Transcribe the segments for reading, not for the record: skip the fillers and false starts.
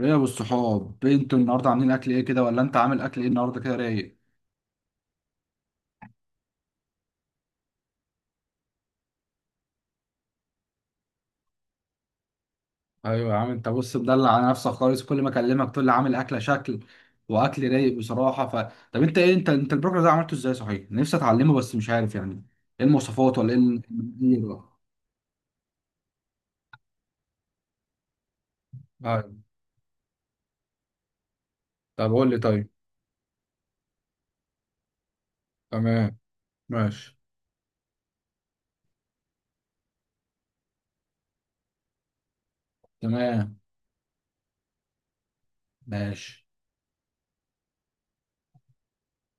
ايه يا ابو الصحاب، إيه انتوا النهارده عاملين اكل ايه كده؟ ولا انت عامل اكل ايه النهارده كده رايق؟ ايوه يا عم. انت بص مدلع على نفسك خالص، كل ما اكلمك تقول لي عامل اكله شكل واكل رايق بصراحه. طب انت ايه، انت البروجرام ده عملته ازاي؟ صحيح، نفسي اتعلمه بس مش عارف يعني، ايه المواصفات ولا ايه إيه ال- طيب. طب قول لي. طيب. تمام. ماشي. تمام. ماشي.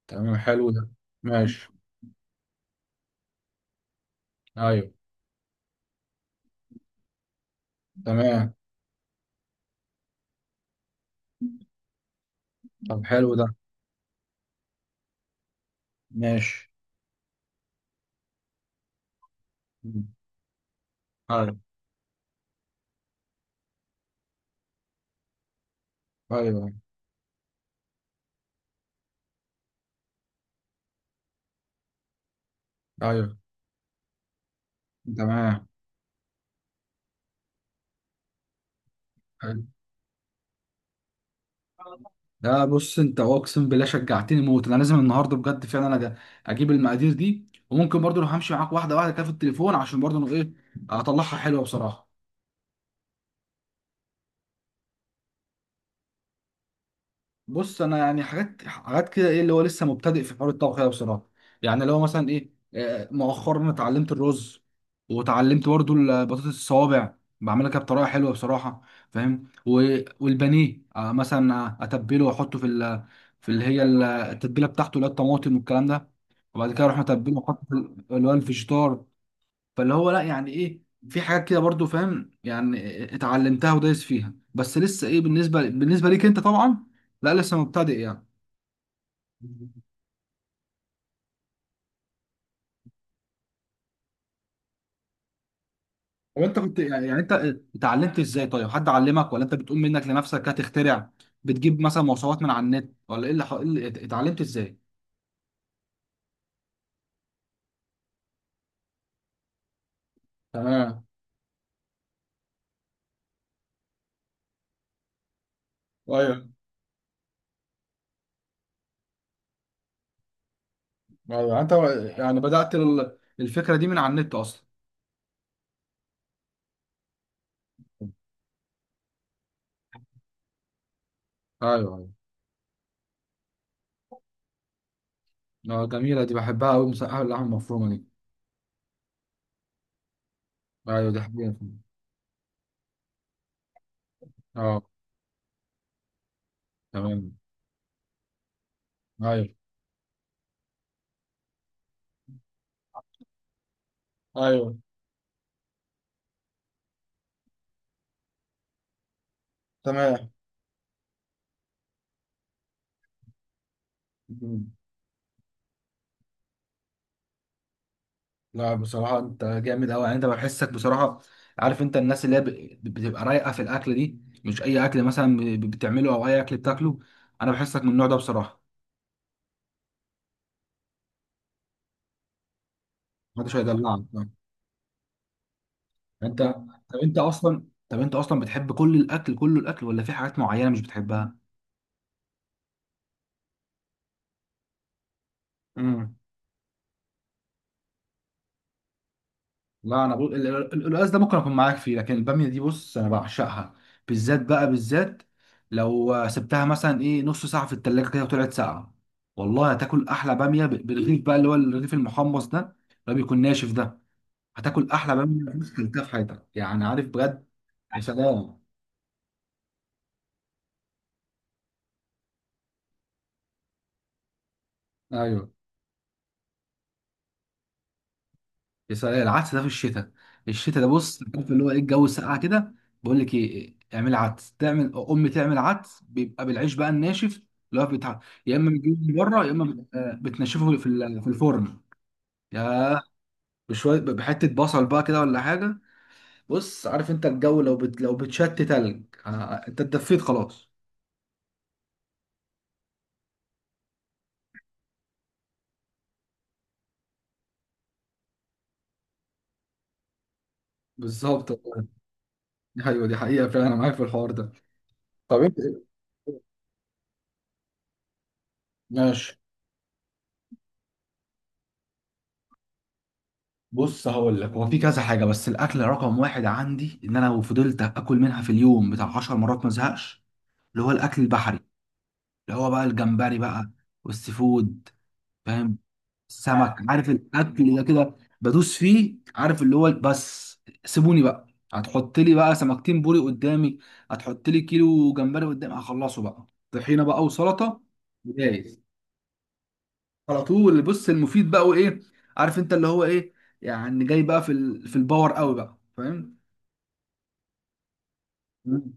تمام، حلو ده. ماشي. ايوه. تمام. طب حلو ده. ماشي. ايوه. ايوه. ايوه. تمام. لا بص، انت اقسم بالله شجعتني موت، انا لازم النهارده بجد فعلا، انا اجيب المقادير دي. وممكن برضو لو همشي معاك واحده واحده كده في التليفون، عشان برضو انا اطلعها حلوه بصراحه. بص انا يعني حاجات حاجات كده، ايه اللي هو لسه مبتدئ في حوار الطبخ ده بصراحه. يعني لو مثلا ايه آه، مؤخرا اتعلمت الرز، وتعلمت برضو البطاطس الصوابع، بعملها كده بطريقه حلوه بصراحه، فاهم. والبانيه، مثلا اتبله واحطه في في اللي هي التتبيله بتاعته، اللي هي الطماطم والكلام ده. وبعد كده اروح اتبله واحطه في اللي هو الفيجيتار. فاللي هو لا، يعني ايه، في حاجات كده برضو فاهم، يعني اتعلمتها ودايس فيها، بس لسه ايه بالنسبه ليك انت طبعا، لا لسه مبتدئ يعني. طب انت كنت يعني يعني انت اتعلمت ازاي طيب؟ حد علمك ولا انت بتقوم منك لنفسك هتخترع؟ بتجيب مثلا مواصفات من على النت ولا ايه اللي إيه اللي اتعلمت ازاي؟ تمام. ايوه يعني انت، يعني بدأت الفكره دي من على النت اصلا؟ ايوه. ايوه. اه جميله دي، بحبها قوي مسقعه اللحمه المفرومه دي. ايوه دي حبيبي. اه. تمام. ايوه. ايوه. تمام. مم. لا بصراحة انت جامد قوي، يعني انت بحسك بصراحة، عارف انت الناس اللي هي بتبقى رايقة في الاكل دي، مش اي اكل مثلا بتعمله او اي اكل بتاكله، انا بحسك من النوع ده بصراحة. محدش هيدلعك، آه. انت طب انت اصلا طب انت اصلا بتحب كل الاكل، كله الاكل، ولا في حاجات معينة مش بتحبها؟ لا انا بقول القلقاس ده ممكن اكون معاك فيه، لكن الباميه دي بص انا بعشقها، بالذات بقى بالذات. لو سبتها مثلا نص ساعه في التلاجة كده، وطلعت ساقعه، والله هتاكل احلى باميه بالرغيف بقى، اللي هو الرغيف المحمص ده اللي هو بيكون ناشف ده، هتاكل احلى باميه ممكن كلتها في حياتك يعني، عارف بجد. يا سلام. ايوه. العدس ده في الشتاء. الشتاء ده بص، عارف اللي هو ايه، الجو ساقع كده. بقول لك ايه، اعمل عدس، تعمل امي تعمل عدس، بيبقى بالعيش بقى الناشف، اللي هو بتاع، يا اما بتجيبه من بره، يا اما بتنشفه في في الفرن. يا بشويه بحته بصل بقى كده، ولا حاجه. بص، عارف انت الجو لو بتشت تلج، انت اتدفيت خلاص. بالظبط. ايوه دي حقيقه فعلا، انا معاك في الحوار ده. طب انت إيه؟ ماشي. بص هقول لك، هو في كذا حاجه، بس الاكل رقم واحد عندي ان انا لو فضلت اكل منها في اليوم بتاع 10 مرات ما ازهقش، اللي هو الاكل البحري، اللي هو بقى الجمبري بقى والسي فود، فاهم. السمك، عارف الاكل ده كده بدوس فيه، عارف اللي هو بس سيبوني بقى، هتحط لي بقى سمكتين بوري قدامي، هتحط لي كيلو جمبري قدامي، هخلصه بقى طحينه بقى وسلطه، جاهز. على طول. بص المفيد بقى وايه، عارف انت اللي هو ايه، يعني جاي بقى في الباور قوي بقى، فاهم. مم.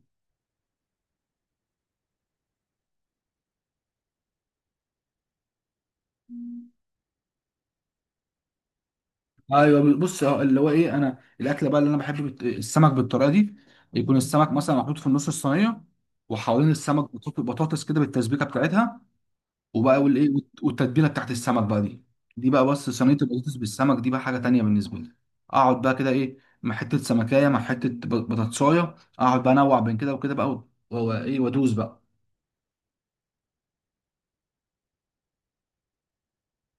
ايوه بص، هو اللي هو ايه، انا الاكله بقى اللي انا بحب السمك بالطريقه دي، يكون السمك مثلا محطوط في النص الصينيه، وحوالين السمك بطاطس كده بالتسبيكه بتاعتها، وبقى والتتبيله بتاعت السمك بقى دي، دي بقى بص، صينيه البطاطس بالسمك دي بقى حاجه تانيه بالنسبه لي. اقعد بقى كده مع حته سمكايه، مع حته بطاطسايه، اقعد بقى انوع بين كده وكده بقى، و- وايه وادوس بقى.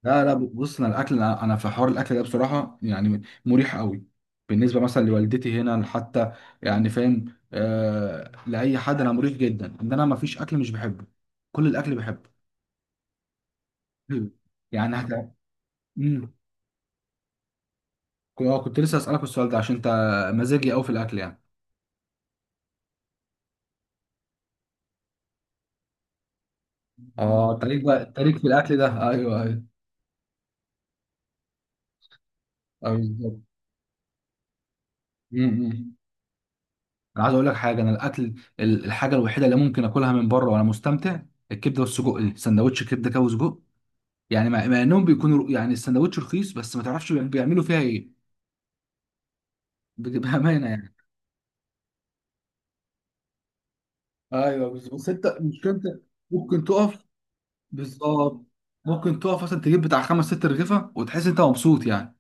لا لا بص، انا الاكل انا أنا في حوار الاكل ده بصراحه يعني مريح قوي، بالنسبه مثلا لوالدتي هنا حتى، يعني فاهم، لاي حد انا مريح جدا ان انا ما فيش اكل مش بحبه، كل الاكل بحبه. مم. يعني حتى امم كنت لسه اسالك السؤال ده عشان انت مزاجي قوي في الاكل يعني. اه التاريخ بقى، التاريخ في الاكل ده ايوه ايوه. ايوه بالظبط. أمم، أمم. انا عايز اقول لك حاجه، انا الاكل، الحاجه الوحيده اللي ممكن اكلها من بره وانا مستمتع، الكبده والسجق دي، سندوتش كبده كده وسجق، يعني مع انهم بيكونوا يعني السندوتش رخيص، بس ما تعرفش بيعملوا فيها ايه، بامانه يعني. ايوه بس انت مش انت، ممكن تقف. بالظبط. ممكن تقف مثلا تجيب بتاع خمس ست رغيفه وتحس انت مبسوط يعني.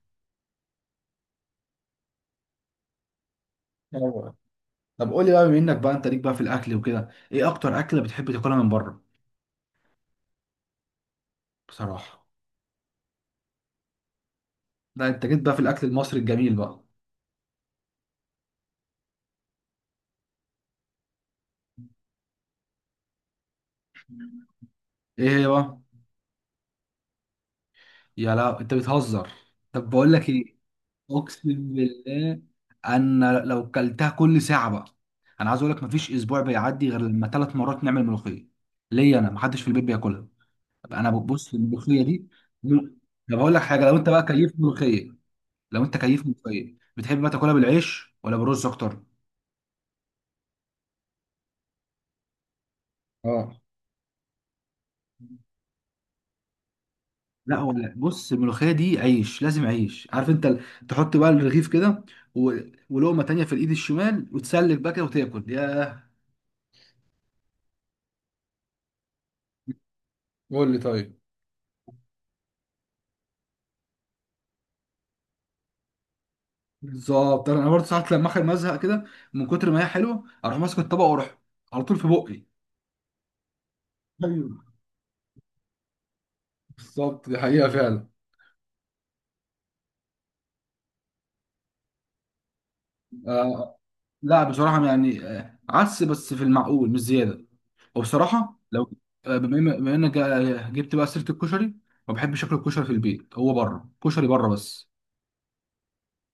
ايوه. طب قول لي بقى، بما انك بقى انت ليك بقى في الاكل وكده، ايه اكتر اكله بتحب تاكلها من بره؟ بصراحه. لا انت جيت بقى في الاكل المصري الجميل بقى. ايه هي بقى؟ لا انت بتهزر. طب بقول لك ايه، اقسم بالله انا لو كلتها كل ساعه بقى، انا عايز اقول لك مفيش اسبوع بيعدي غير لما 3 مرات نعمل ملوخيه، ليا انا، محدش في البيت بياكلها، انا ببص الملوخيه دي. طب هقول لك حاجه، لو انت كيف ملوخيه، بتحب بقى تاكلها بالعيش ولا بالرز اكتر؟ اه. لا ولا بص، الملوخيه دي عيش لازم عيش، عارف انت تحط بقى الرغيف كده، و... ولقمه تانية في الايد الشمال، وتسلك بقى كده وتاكل. ياه. قول لي طيب. بالظبط، انا برضه ساعات لما اخر مزهق كده، من كتر ما هي حلوه اروح ماسك الطبق واروح على طول في بقي. ايوه. بالظبط دي حقيقه فعلا. آه. لا بصراحه يعني عدس بس في المعقول مش زياده، وبصراحه لو بما انك جبت بقى سيره الكشري، ما بحبش اكل الكشري في البيت، هو بره كشري بره بس،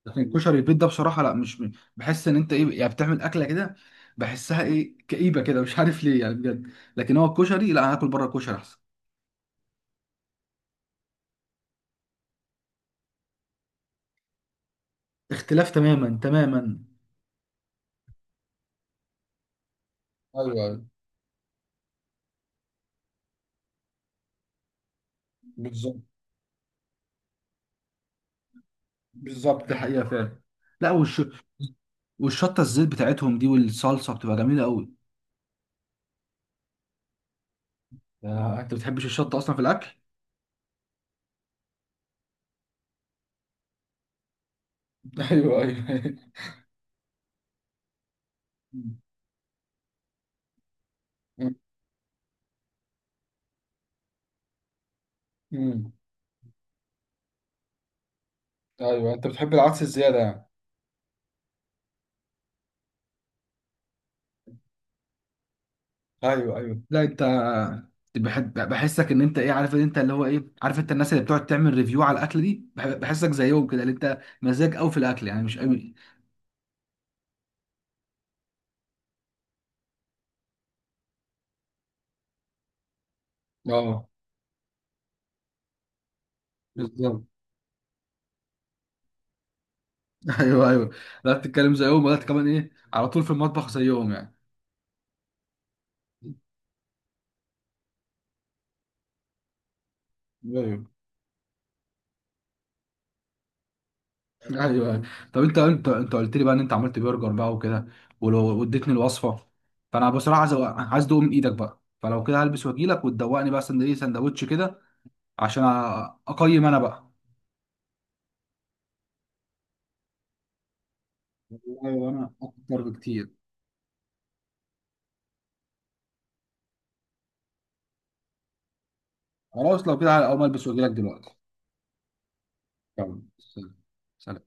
لكن الكشري البيت ده بصراحه لا مش بحس ان انت ايه، يعني بتعمل اكله كده، بحسها ايه كئيبه كده مش عارف ليه يعني بجد، لكن هو الكشري لا، انا اكل بره الكشري احسن. اختلاف تماما تماما. ايوه ايوه بالظبط. بالظبط دي حقيقة فعلا. لا والشطة الزيت بتاعتهم دي والصلصة بتبقى جميلة قوي. انت بتحبش الشطة اصلا في الاكل. ايوه ايوه. مم. امم ايوه انت بتحب العدس الزياده يعني. ايوه ايوه. لا انت بحسك ان انت ايه، عارف ان انت اللي هو ايه، عارف انت الناس اللي بتقعد تعمل ريفيو على الاكل دي، بحسك زيهم كده، اللي انت مزاج قوي في الاكل يعني مش قوي. اه بالظبط. ايوه ايوه. لا بتتكلم زيهم، ولا كمان ايه، على طول في المطبخ زيهم يعني. ايوه ايوه. أيوة. طب انت، انت قلت لي بقى ان انت عملت برجر بقى وكده، ولو واديتني الوصفه، فانا بصراحه عايز عايز ادوق من ايدك بقى، فلو كده هلبس واجيلك وتدوقني بقى سندوتش سندوتش كده، عشان اقيم انا بقى. ايوه انا اكتر بكتير. خلاص لو كده اقوم البس واجيلك دلوقتي. يلا. سلام.